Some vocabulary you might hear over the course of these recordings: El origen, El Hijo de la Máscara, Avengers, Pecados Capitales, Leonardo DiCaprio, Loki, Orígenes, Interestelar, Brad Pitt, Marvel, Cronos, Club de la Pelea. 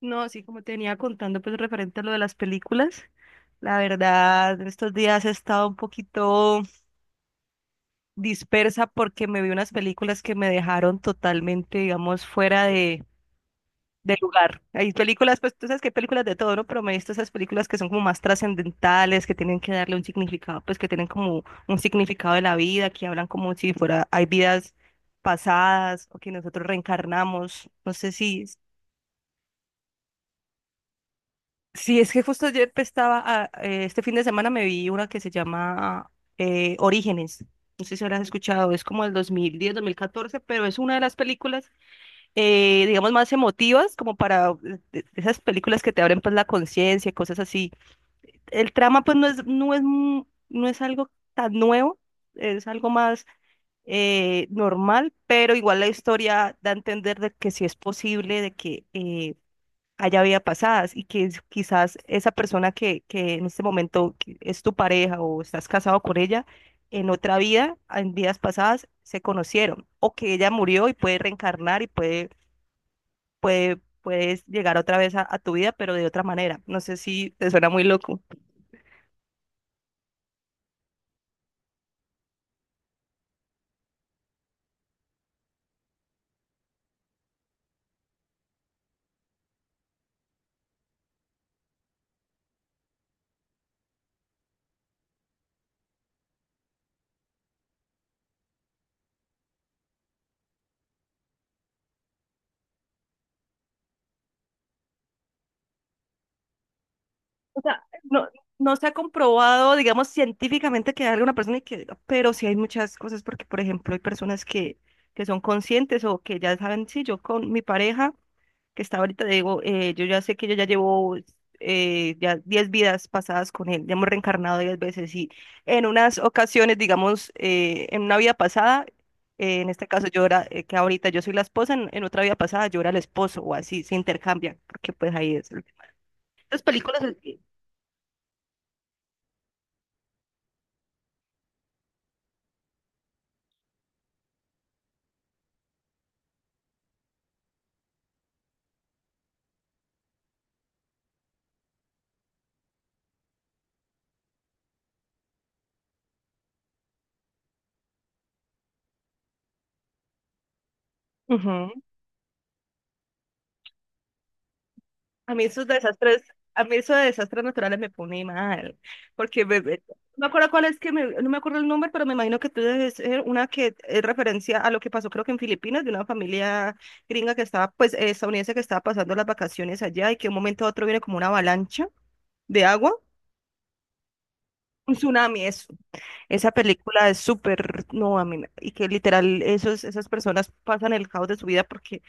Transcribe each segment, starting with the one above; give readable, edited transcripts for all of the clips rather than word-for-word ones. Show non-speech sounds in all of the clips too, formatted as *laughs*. No, así como te venía contando, pues referente a lo de las películas, la verdad, en estos días he estado un poquito dispersa porque me vi unas películas que me dejaron totalmente, digamos, fuera de lugar. Hay películas, pues tú sabes que hay películas de todo, ¿no? Pero me he visto esas películas que son como más trascendentales, que tienen que darle un significado, pues que tienen como un significado de la vida, que hablan como si fuera, hay vidas pasadas o que nosotros reencarnamos. No sé si. Sí, es que justo ayer pues, estaba, este fin de semana me vi una que se llama Orígenes. No sé si habrás escuchado, es como el 2010, 2014, pero es una de las películas, digamos, más emotivas, como para de esas películas que te abren pues la conciencia, cosas así. El trama pues no es algo tan nuevo, es algo más normal, pero igual la historia da a entender de que sí es posible, de que haya vida pasadas y que quizás esa persona que en este momento que es tu pareja o estás casado con ella, en otra vida, en vidas pasadas, se conocieron o que ella murió y puede reencarnar y puedes llegar otra vez a tu vida, pero de otra manera. No sé si te suena muy loco. O sea, no, no se ha comprobado, digamos, científicamente que haya una persona y que diga, pero sí hay muchas cosas porque, por ejemplo, hay personas que son conscientes o que ya saben, sí, yo con mi pareja que está ahorita, digo, yo ya sé que yo ya llevo ya 10 vidas pasadas con él, ya hemos reencarnado 10 veces y en unas ocasiones, digamos, en una vida pasada, en este caso yo era, que ahorita yo soy la esposa, en otra vida pasada yo era el esposo o así, se intercambian, porque pues ahí es. Las películas. Ujú. A mí esos desastres, a mí esos desastres naturales me pone mal, porque no me acuerdo cuál es que no me acuerdo el nombre, pero me imagino que tú debes ser una que es referencia a lo que pasó creo que en Filipinas de una familia gringa que estaba, pues estadounidense que estaba pasando las vacaciones allá y que de un momento a otro viene como una avalancha de agua, un tsunami, eso. Esa película es súper, no, a mí, y que literal esos, esas personas pasan el caos de su vida porque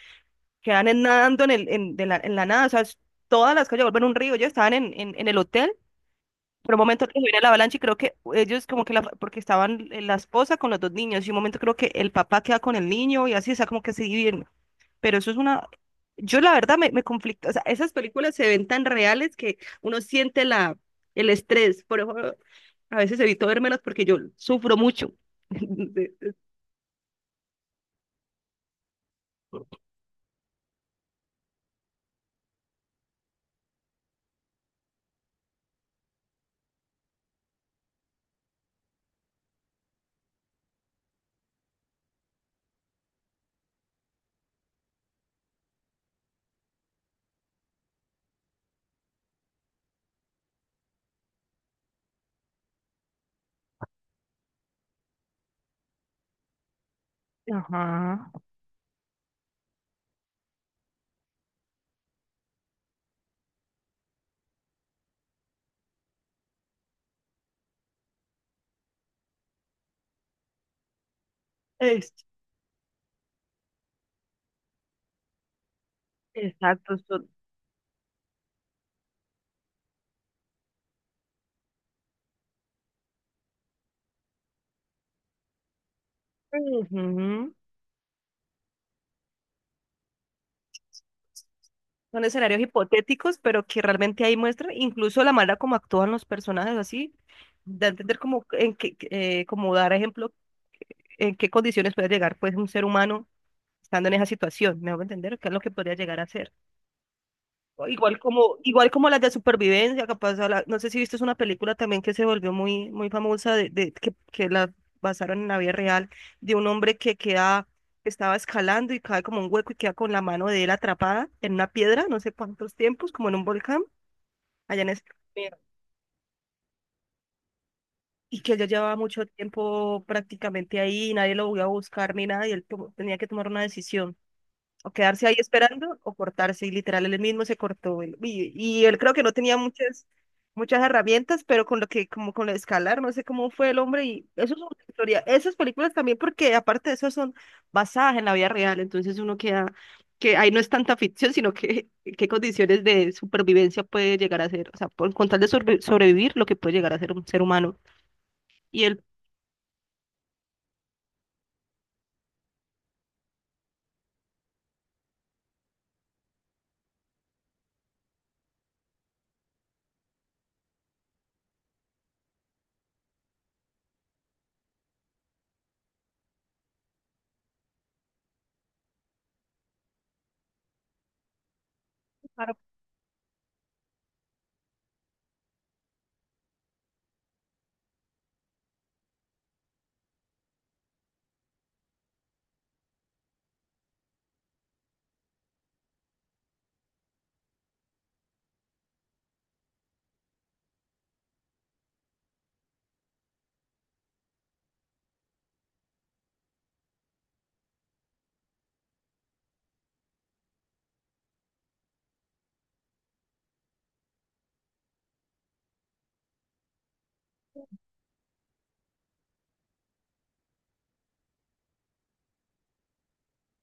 quedan nadando en, el, en, de la, en la nada, o sea, es- todas las calles vuelven un río, ellos estaban en el hotel, pero un momento que se viene la avalancha y creo que ellos como que la, porque estaban la esposa con los dos niños y un momento creo que el papá queda con el niño y así, o sea, como que se dividen, pero eso es una, yo la verdad me conflicto, o sea, esas películas se ven tan reales que uno siente el estrés, por eso a veces evito vermelas porque yo sufro mucho. *laughs* de- Ajá. es- exacto, Ujú. Son escenarios hipotéticos, pero que realmente ahí muestra incluso la manera como actúan los personajes, así, de entender como, en qué, como dar ejemplo en qué condiciones puede llegar pues un ser humano estando en esa situación, me hago entender qué es lo que podría llegar a ser. Igual como las de supervivencia, capaz, no sé si viste es una película también que se volvió muy, muy famosa, que la basaron en la vida real, de un hombre que queda, que estaba escalando y cae como un hueco y queda con la mano de él atrapada en una piedra, no sé cuántos tiempos, como en un volcán allá en Estados Unidos, y que yo llevaba mucho tiempo prácticamente ahí y nadie lo voy a buscar ni nada y él tenía que tomar una decisión. O quedarse ahí esperando o cortarse. Y literal, él mismo se cortó. Y él creo que no tenía muchas, muchas herramientas, pero con lo que, como con lo de escalar, no sé cómo fue el hombre. Y eso es una historia. Esas películas también, porque aparte de eso, son basadas en la vida real. Entonces uno queda, que ahí no es tanta ficción, sino que *laughs* qué condiciones de supervivencia puede llegar a ser. O sea, por, con tal de sobrevivir, lo que puede llegar a ser un ser humano. Y él, claro,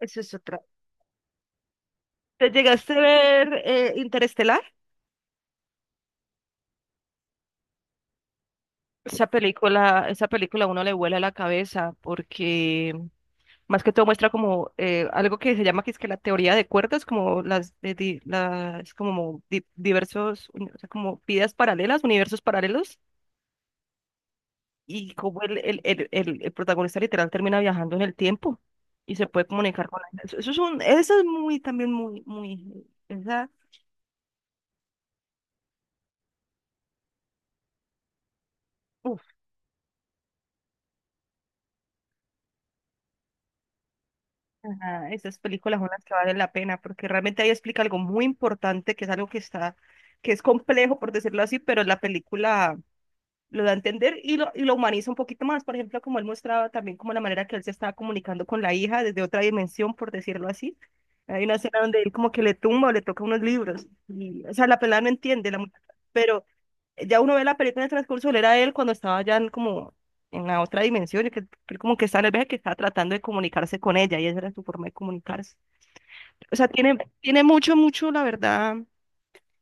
eso es otra. ¿Te llegaste a ver Interestelar? Esa película a uno le vuela la cabeza porque más que todo muestra como algo que se llama que es que la teoría de cuerdas, como las, de di- las como di- o sea, como vidas paralelas, universos paralelos, y como el protagonista literal termina viajando en el tiempo y se puede comunicar con la... Eso es un, eso es muy, también muy, muy, esa, Ajá, esas películas son las que valen la pena, porque realmente ahí explica algo muy importante, que es algo que está, que es complejo, por decirlo así, pero la película lo da a entender y y lo humaniza un poquito más. Por ejemplo, como él mostraba también como la manera que él se estaba comunicando con la hija desde otra dimensión, por decirlo así. Hay una escena donde él como que le tumba o le toca unos libros. Y, o sea, la pelada no entiende, la muchacha, pero ya uno ve la película en el transcurso, él era él cuando estaba ya en como en la otra dimensión, y que él como que está en el viaje que está tratando de comunicarse con ella, y esa era su forma de comunicarse. O sea, tiene mucho, mucho, la verdad.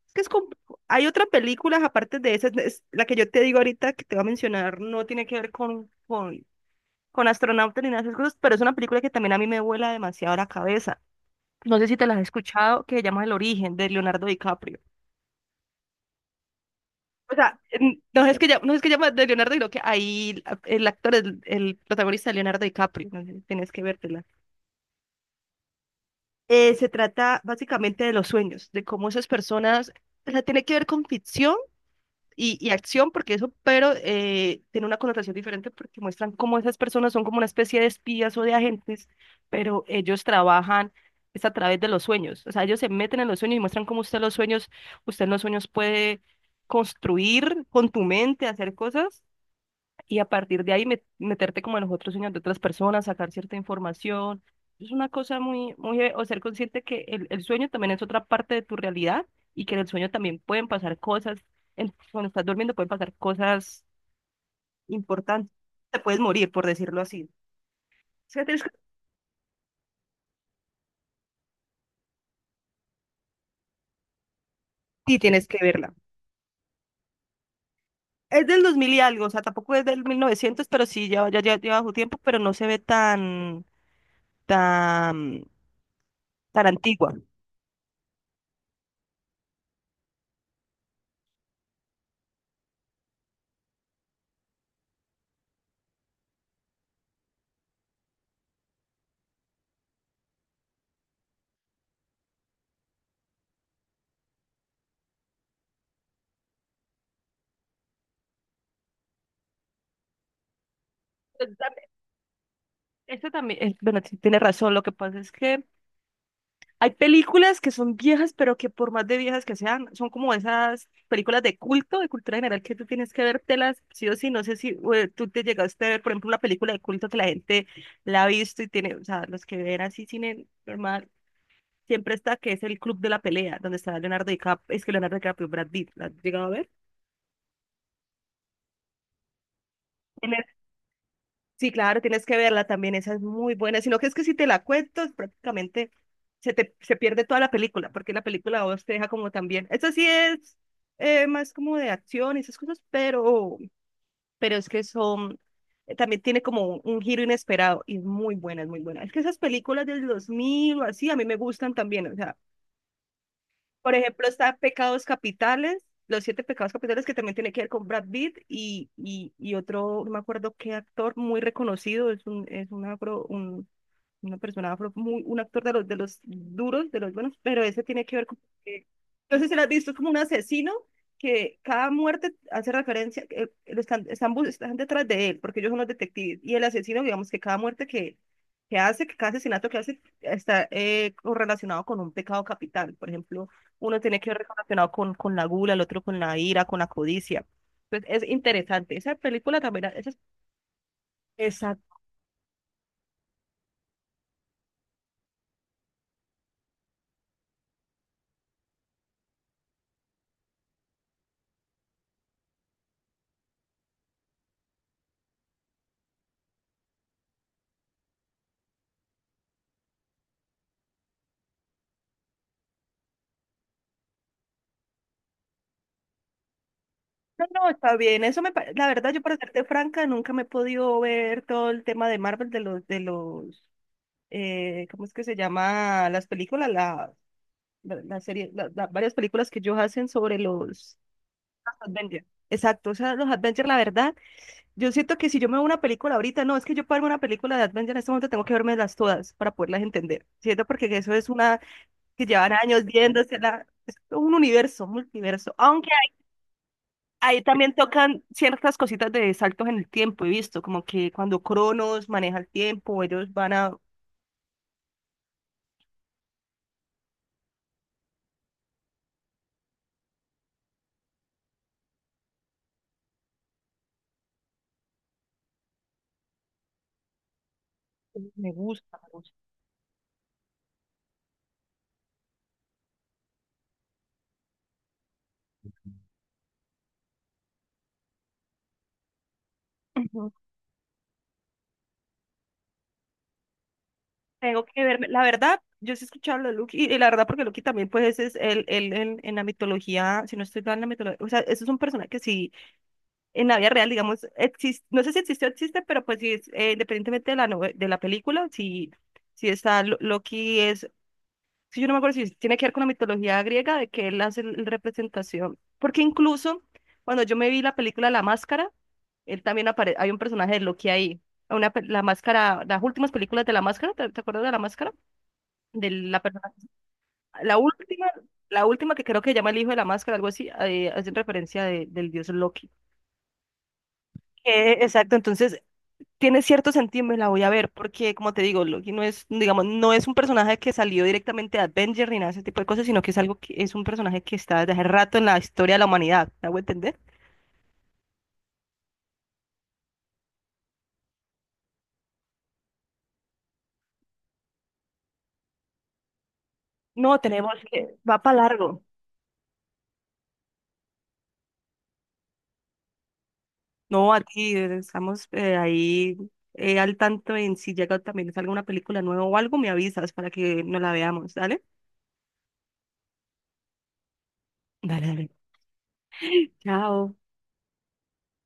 Es que es hay otras películas aparte de esas, la que yo te digo ahorita que te voy a mencionar, no tiene que ver con, con astronautas ni nada de esas cosas, pero es una película que también a mí me vuela demasiado la cabeza. No sé si te la has escuchado, que se llama El origen, de Leonardo DiCaprio. O sea, no es que llama de Leonardo, sino que ahí el actor, el protagonista de Leonardo DiCaprio, no sé si tienes que vértela. Se trata básicamente de los sueños, de cómo esas personas, o sea, tiene que ver con ficción y acción, porque eso, pero tiene una connotación diferente porque muestran cómo esas personas son como una especie de espías o de agentes, pero ellos trabajan es a través de los sueños. O sea, ellos se meten en los sueños y muestran cómo usted los sueños, usted en los sueños puede construir con tu mente, hacer cosas y a partir de ahí meterte como en los otros sueños de otras personas, sacar cierta información. Es una cosa muy, muy, o ser consciente que el sueño también es otra parte de tu realidad y que en el sueño también pueden pasar cosas, cuando estás durmiendo pueden pasar cosas importantes, te puedes morir, por decirlo así. O sea, Sí, tienes que verla. Es del 2000 y algo, o sea, tampoco es del 1900 pero sí, ya, ya, ya lleva su tiempo, pero no se ve tan, tan, tan antigua. Pues, esto también, bueno, sí tiene razón. Lo que pasa es que hay películas que son viejas, pero que por más de viejas que sean, son como esas películas de culto, de cultura general, que tú tienes que vértelas sí o sí. No sé si tú te llegaste a ver, por ejemplo, una película de culto que la gente la ha visto y tiene, o sea, los que ven así cine normal, siempre está que es el Club de la Pelea, donde está Leonardo DiCaprio, es que Leonardo DiCaprio, Brad Pitt, ¿la has llegado a ver? Sí, claro, tienes que verla también, esa es muy buena, sino que es que si te la cuento, es prácticamente se te se pierde toda la película, porque la película a vos te deja como también. Esta sí es más como de acción y esas cosas, pero es que son, también tiene como un giro inesperado y es muy buena, es muy buena. Es que esas películas del 2000 o así a mí me gustan también, o sea, por ejemplo, está Pecados Capitales, los siete pecados capitales que también tiene que ver con Brad Pitt y otro, no me acuerdo qué actor muy reconocido, es un, una persona afro, muy, un actor de los duros, de los buenos, pero ese tiene que ver con que, no sé si lo has visto, es como un asesino que cada muerte hace referencia, lo están detrás de él, porque ellos son los detectives, y el asesino, digamos que cada muerte que hace, que cada asesinato que hace, está correlacionado con un pecado capital, por ejemplo, uno tiene que ver relacionado con la gula, el otro con la ira, con la codicia. Entonces, es interesante. Esa película también, esa, no, no, está bien. Eso me, la verdad, yo para serte franca, nunca me he podido ver todo el tema de Marvel, de los, ¿cómo es que se llama? Las películas, la serie, varias películas que ellos hacen sobre los Avengers. Exacto, o sea, los Avengers, la verdad, yo siento que si yo me veo una película ahorita, no, es que yo para verme una película de Avengers en este momento tengo que vermelas todas para poderlas entender, ¿cierto? Porque eso es una que llevan años viéndosela, es un universo, multiverso, aunque. Ahí también tocan ciertas cositas de saltos en el tiempo, he visto, como que cuando Cronos maneja el tiempo, ellos van a... Me gusta, me gusta. Ujú. Tengo que verme, la verdad, yo sí he escuchado lo de Loki, y la verdad porque Loki también pues es en la mitología, si no estoy mal en la mitología, o sea, eso es un personaje que sí, en la vida real, digamos, existe, no sé si existe o existe, pero pues sí, es, independientemente de la película, sí, sí está, Loki es si yo no me acuerdo si tiene que ver con la mitología griega, de que él hace la representación, porque incluso cuando yo me vi la película La Máscara, él también aparece, hay un personaje de Loki ahí, una, la máscara, las últimas películas de La Máscara, ¿te acuerdas de La Máscara? De la persona, la última, la última que creo que se llama El Hijo de la Máscara, algo así, hacen referencia del dios Loki. Exacto, entonces tiene cierto sentido, me la voy a ver, porque como te digo, Loki no es, digamos, no es un personaje que salió directamente de Avengers ni nada de ese tipo de cosas, sino que es algo que es un personaje que está desde hace rato en la historia de la humanidad, ¿me hago entender? No, tenemos que, va para largo. No, aquí estamos ahí al tanto en si llega también salga una película nueva o algo, me avisas para que nos la veamos, ¿dale? Dale, dale. Chao.